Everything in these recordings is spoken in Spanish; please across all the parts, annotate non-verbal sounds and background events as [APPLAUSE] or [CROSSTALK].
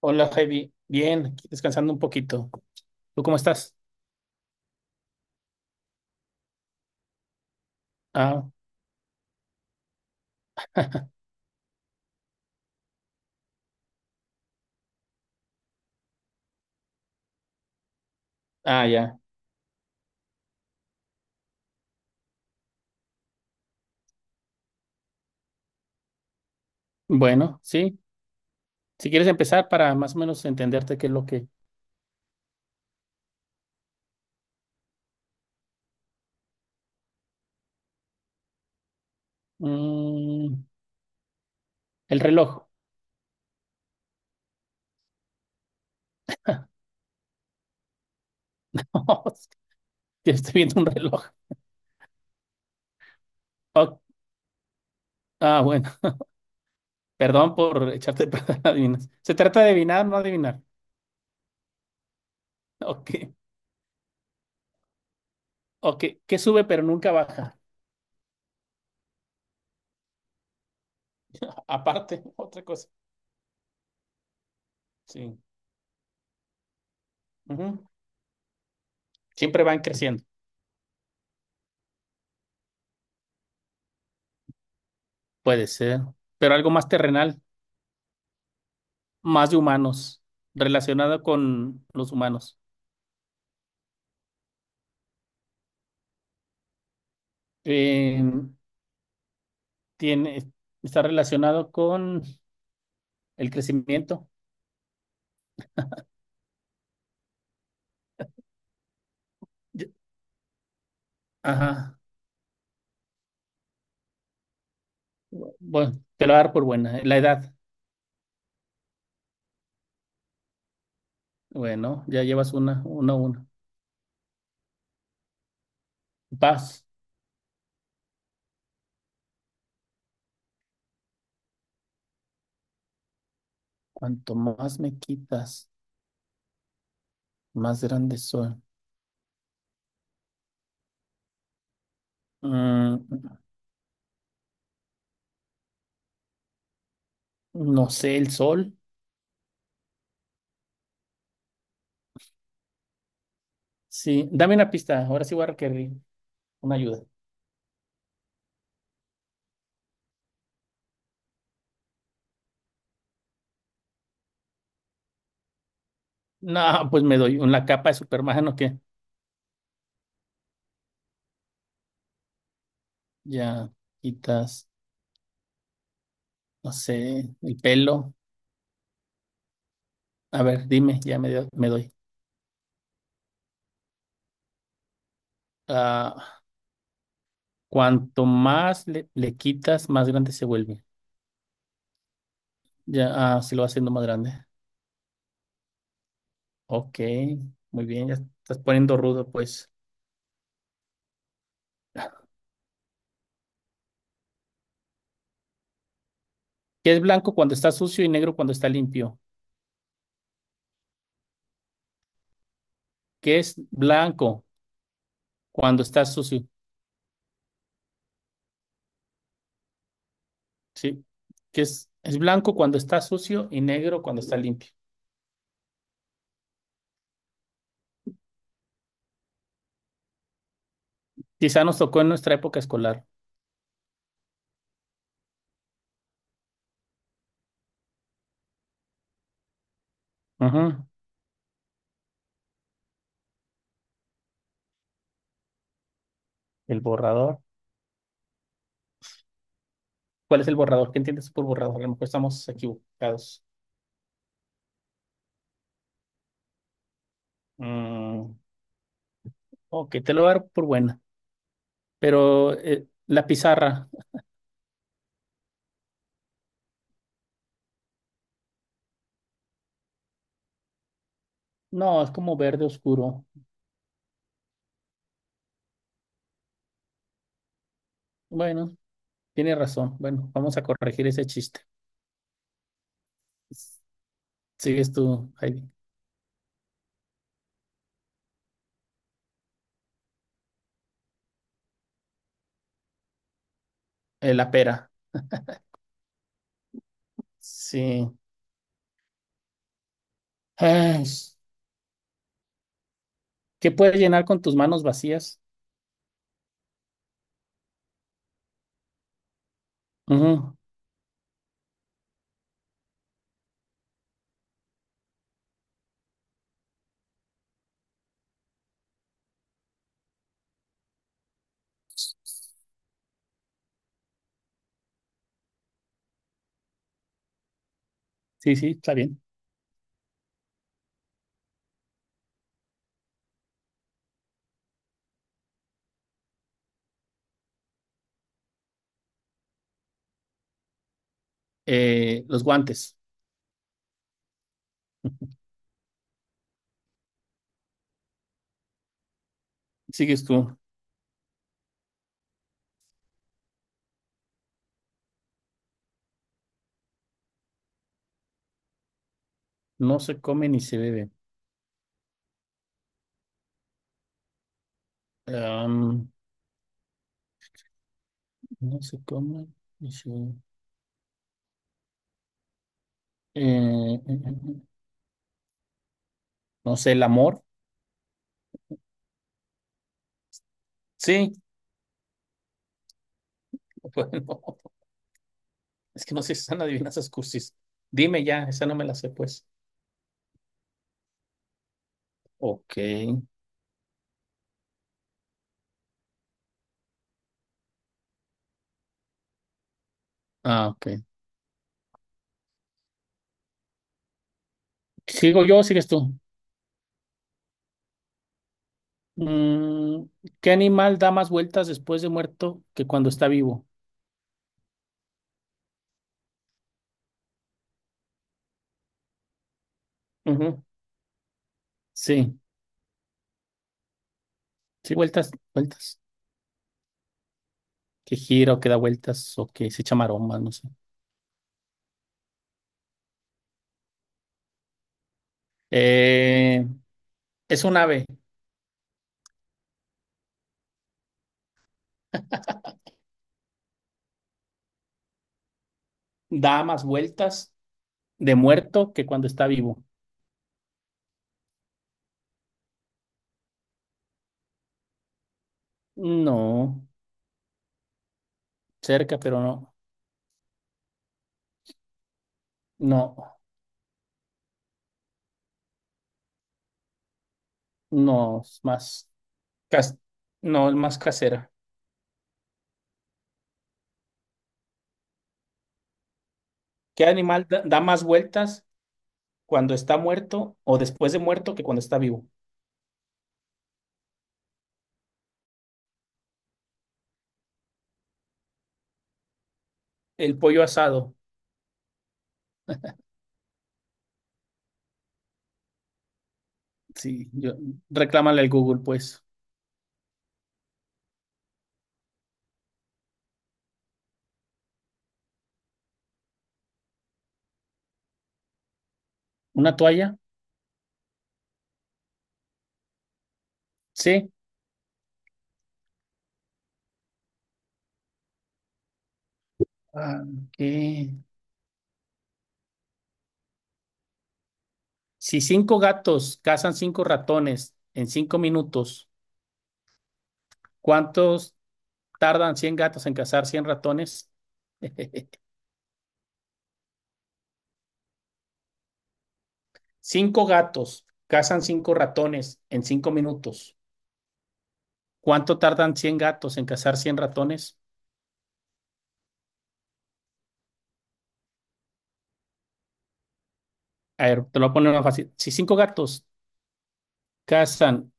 Hola, Javi. Bien, aquí descansando un poquito. ¿Tú cómo estás? Ah, ah, ya. Bueno, sí. Si quieres empezar para más o menos entenderte qué es lo que Mm, el reloj. [LAUGHS] Ya estoy viendo un reloj. Oh, ah, bueno. Perdón por echarte [LAUGHS] a perder la adivinanza. Se trata de adivinar, no adivinar. Ok, ok. ¿Qué sube pero nunca baja? Aparte, [LAUGHS] otra cosa. Sí. Ujú. Siempre van creciendo. Puede ser. Pero algo más terrenal, más de humanos, relacionado con los humanos. Eh, Tiene, está relacionado con el crecimiento. Ya- Ajá. Bueno, te lo voy a dar por buena. La edad. Bueno, ya llevas una, una. Paz. Cuanto más me quitas, más grande soy. Mm, no sé, el sol. Sí, dame una pista. Ahora sí voy a requerir una ayuda. No, pues me doy una capa de Superman o qué. Ya quitas, no sé, el pelo. A ver, dime, ya me doy. Cuanto más le quitas, más grande se vuelve. Ya, ah, se lo va haciendo más grande. Ok, muy bien, ya estás poniendo rudo, pues. ¿Qué es blanco cuando está sucio y negro cuando está limpio? ¿Qué es blanco cuando está sucio? Sí. ¿Qué es blanco cuando está sucio y negro cuando está limpio? Quizá nos tocó en nuestra época escolar. Ujú. El borrador. ¿Cuál es el borrador? ¿Qué entiendes por borrador? A lo mejor estamos equivocados. Mm, ok, te lo voy a dar por buena. Pero la pizarra. No, es como verde oscuro. Bueno, tiene razón. Bueno, vamos a corregir ese chiste. Sigues tú, Heidi. La pera. Sí. Ay, ¿qué puedes llenar con tus manos vacías? Ujú. Sí, sí, está bien. Los guantes. Sigues tú. No se come ni se bebe. Am, no se come ni se bebe. Eh, eh, eh, eh. No sé, el amor. Sí, [LAUGHS] bueno, es que no sé si están adivinanzas cursis. Dime ya, esa no me la sé, pues. Ok. Ah, ok. ¿Sigo yo o sigues tú? Mm, ¿qué animal da más vueltas después de muerto que cuando está vivo? Ujú. Sí, sí, vueltas, vueltas. Que gira o que da vueltas o que se echa maromas, no sé. Eh, es un ave. Da más vueltas de muerto que cuando está vivo. No, cerca, pero no. No, no, es más. cas- no, es más casera. ¿Qué animal da más vueltas cuando está muerto o después de muerto que cuando está vivo? El pollo asado. Sí, yo, reclámale al Google, pues. ¿Una toalla? Sí. Ah, ok. Si cinco gatos cazan cinco ratones en 5 minutos, ¿cuántos tardan 100 gatos en cazar 100 ratones? [LAUGHS] Cinco gatos cazan cinco ratones en cinco minutos. ¿Cuánto tardan 100 gatos en cazar cien ratones? A ver, te lo voy a poner más fácil. Si cinco gatos cazan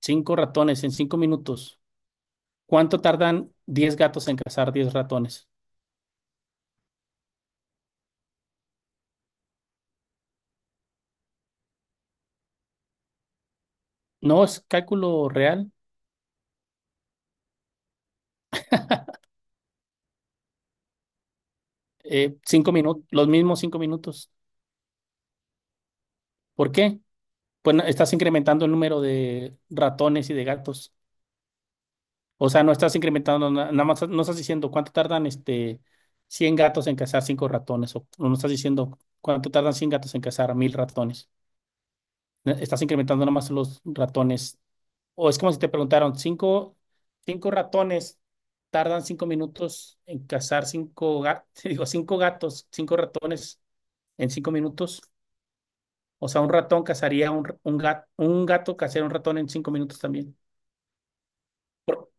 cinco ratones en cinco minutos, ¿cuánto tardan 10 gatos en cazar 10 ratones? No es cálculo real. 5 minutos, los mismos 5 minutos. ¿Por qué? Pues estás incrementando el número de ratones y de gatos. O sea, no estás incrementando, nada más no estás diciendo cuánto tardan este 100 gatos en cazar cinco ratones. O no estás diciendo cuánto tardan 100 gatos en cazar 1000 ratones. Estás incrementando nomás los ratones. O es como si te preguntaron, cinco ratones tardan 5 minutos en cazar cinco gatos, [LAUGHS] digo, cinco gatos, cinco ratones en 5 minutos. O sea, un ratón cazaría un gato cazaría un ratón en 5 minutos también. Por-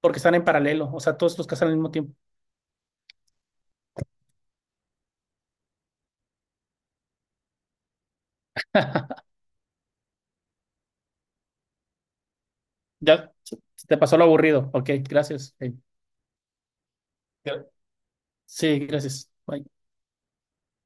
Porque están en paralelo. O sea, todos los cazan al mismo tiempo. [LAUGHS] Ya, se te pasó lo aburrido. Ok, gracias. Ok. Sí, gracias. Bye.